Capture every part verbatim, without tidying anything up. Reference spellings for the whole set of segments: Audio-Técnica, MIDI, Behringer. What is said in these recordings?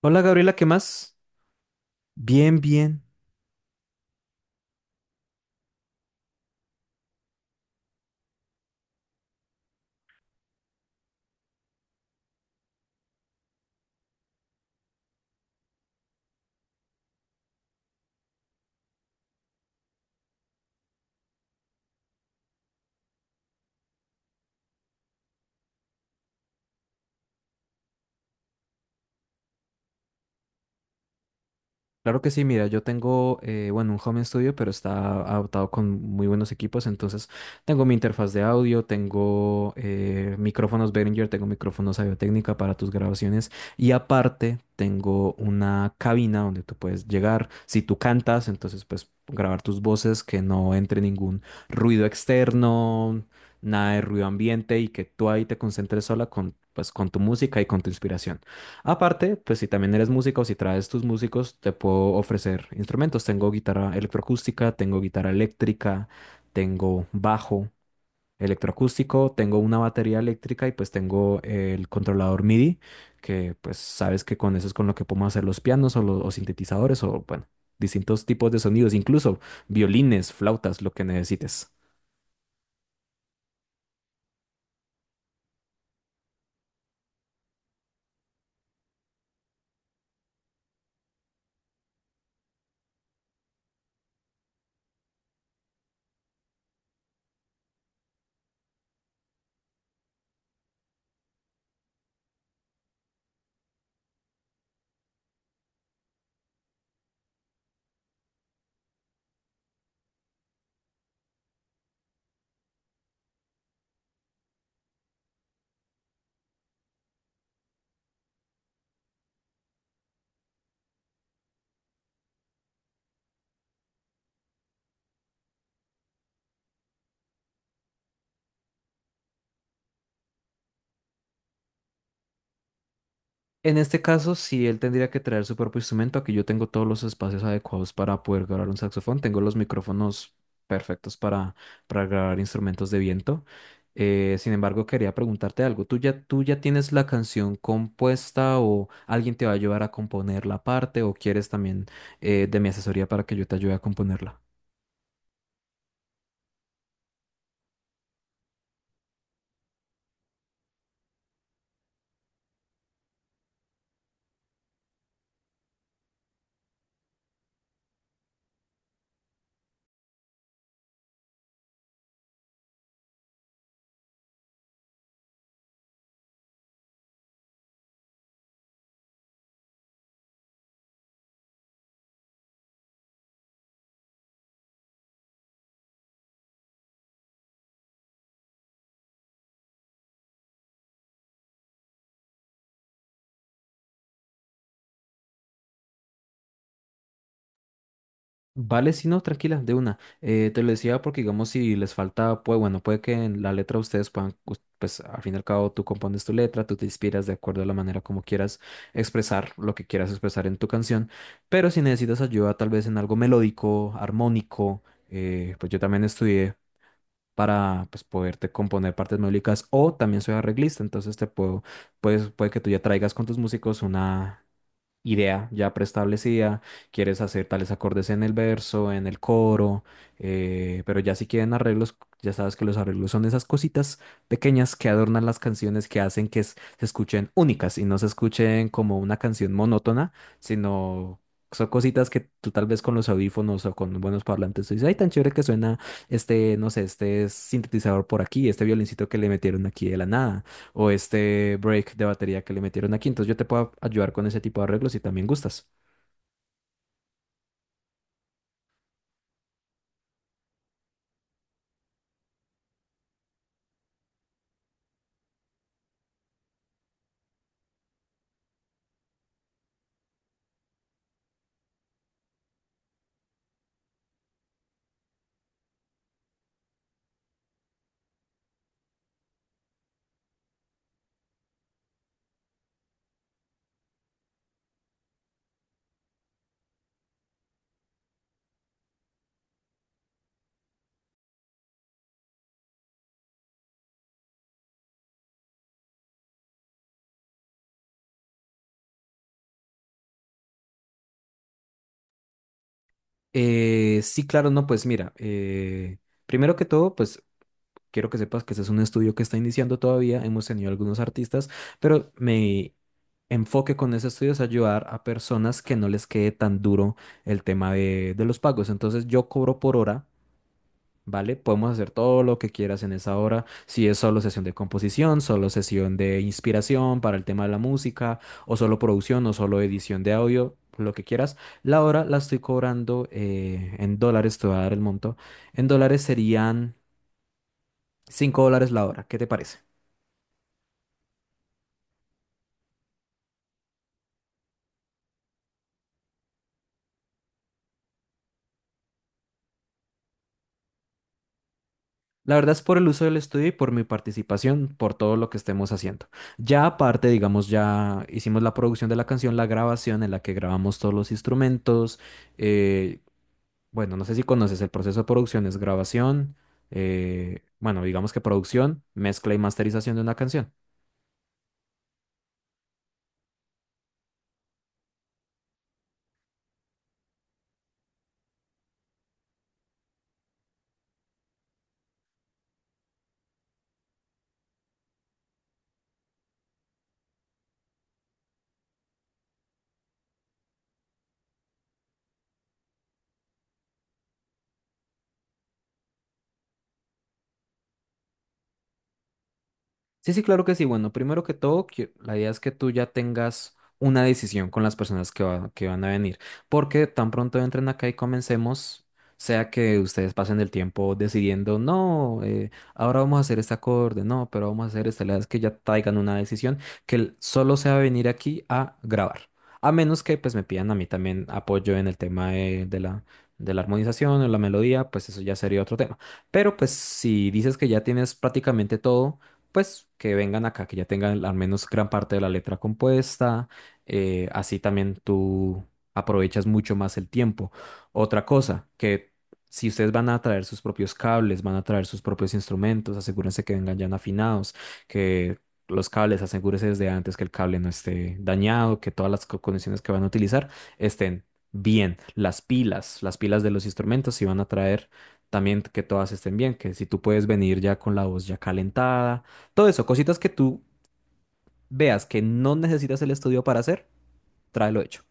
Hola Gabriela, ¿qué más? Bien, bien. Claro que sí, mira, yo tengo, eh, bueno, un home studio, pero está adaptado con muy buenos equipos, entonces tengo mi interfaz de audio, tengo eh, micrófonos Behringer, tengo micrófonos Audio-Técnica para tus grabaciones y aparte tengo una cabina donde tú puedes llegar, si tú cantas, entonces pues grabar tus voces, que no entre ningún ruido externo, nada de ruido ambiente y que tú ahí te concentres sola con, pues, con tu música y con tu inspiración. Aparte, pues si también eres músico o si traes tus músicos, te puedo ofrecer instrumentos. Tengo guitarra electroacústica, tengo guitarra eléctrica, tengo bajo electroacústico, tengo una batería eléctrica y pues tengo el controlador MIDI, que pues sabes que con eso es con lo que podemos hacer los pianos o los sintetizadores o bueno, distintos tipos de sonidos, incluso violines, flautas, lo que necesites. En este caso, sí, él tendría que traer su propio instrumento. Aquí yo tengo todos los espacios adecuados para poder grabar un saxofón. Tengo los micrófonos perfectos para, para grabar instrumentos de viento. Eh, sin embargo, quería preguntarte algo. ¿Tú ya, tú ya tienes la canción compuesta o alguien te va a ayudar a componer la parte o quieres también eh, de mi asesoría para que yo te ayude a componerla? Vale, sí, no, tranquila, de una. Eh, te lo decía porque, digamos, si les falta, pues bueno, puede que en la letra ustedes puedan, us- pues al fin y al cabo tú compones tu letra, tú te inspiras de acuerdo a la manera como quieras expresar lo que quieras expresar en tu canción, pero si necesitas ayuda tal vez en algo melódico, armónico, eh, pues yo también estudié para, pues, poderte componer partes melódicas o también soy arreglista, entonces te puedo, pues puede que tú ya traigas con tus músicos una idea ya preestablecida, quieres hacer tales acordes en el verso, en el coro, eh, pero ya si quieren arreglos, ya sabes que los arreglos son esas cositas pequeñas que adornan las canciones, que hacen que s- se escuchen únicas y no se escuchen como una canción monótona, sino... Son cositas que tú tal vez con los audífonos o con buenos parlantes tú dices, ay, tan chévere que suena este, no sé, este sintetizador por aquí, este violincito que le metieron aquí de la nada o este break de batería que le metieron aquí. Entonces yo te puedo ayudar con ese tipo de arreglos si también gustas. Eh, sí, claro, no, pues mira, eh, primero que todo, pues quiero que sepas que este es un estudio que está iniciando todavía. Hemos tenido algunos artistas, pero mi enfoque con ese estudio es ayudar a personas que no les quede tan duro el tema de, de los pagos. Entonces yo cobro por hora. ¿Vale? Podemos hacer todo lo que quieras en esa hora. Si es solo sesión de composición, solo sesión de inspiración para el tema de la música, o solo producción, o solo edición de audio, lo que quieras. La hora la estoy cobrando eh, en dólares, te voy a dar el monto. En dólares serían cinco dólares la hora. ¿Qué te parece? La verdad es por el uso del estudio y por mi participación, por todo lo que estemos haciendo. Ya aparte, digamos, ya hicimos la producción de la canción, la grabación en la que grabamos todos los instrumentos eh, Bueno, no sé si conoces el proceso de producción, es grabación, eh, bueno, digamos que producción, mezcla y masterización de una canción. Sí, sí, claro que sí. Bueno, primero que todo, que- la idea es que tú ya tengas una decisión con las personas que, va- que van a venir, porque tan pronto entren acá y comencemos, sea que ustedes pasen el tiempo decidiendo, no, eh, ahora vamos a hacer este acorde, no, pero vamos a hacer esta, la idea es que ya traigan una decisión que el- solo sea venir aquí a grabar, a menos que pues me pidan a mí también apoyo en el tema de, de la, de la armonización o la melodía, pues eso ya sería otro tema. Pero pues si dices que ya tienes prácticamente todo, pues que vengan acá, que ya tengan al menos gran parte de la letra compuesta, eh, así también tú aprovechas mucho más el tiempo. Otra cosa, que si ustedes van a traer sus propios cables, van a traer sus propios instrumentos, asegúrense que vengan ya afinados, que los cables, asegúrense desde antes que el cable no esté dañado, que todas las co- condiciones que van a utilizar estén bien. Las pilas, las pilas de los instrumentos, si van a traer también que todas estén bien, que si tú puedes venir ya con la voz ya calentada, todo eso, cositas que tú veas que no necesitas el estudio para hacer, tráelo hecho.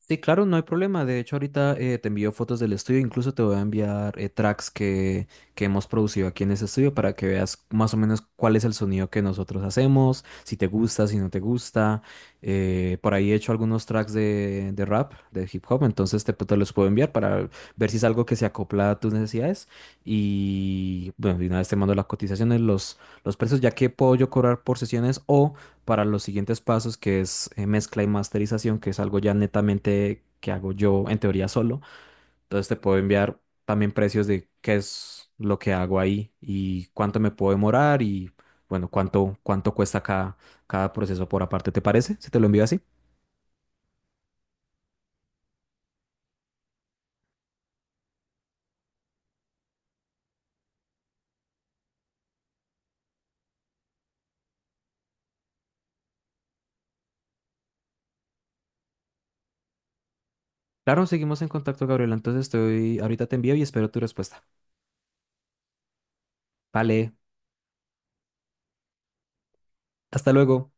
Sí, claro, no hay problema. De hecho, ahorita eh, te envío fotos del estudio. Incluso te voy a enviar eh, tracks que, que hemos producido aquí en ese estudio para que veas más o menos cuál es el sonido que nosotros hacemos, si te gusta, si no te gusta. Eh, por ahí he hecho algunos tracks de, de rap, de hip hop, entonces te, te los puedo enviar para ver si es algo que se acopla a tus necesidades. Y bueno, de una vez te mando las cotizaciones, los, los precios, ya que puedo yo cobrar por sesiones o para los siguientes pasos, que es eh, mezcla y masterización, que es algo ya netamente que hago yo en teoría solo. Entonces te puedo enviar también precios de qué es lo que hago ahí y cuánto me puedo demorar y bueno, cuánto, cuánto cuesta cada, cada proceso por aparte. ¿Te parece? Si te lo envío así. Claro, seguimos en contacto, Gabriela. Entonces estoy, ahorita te envío y espero tu respuesta. Vale, hasta luego.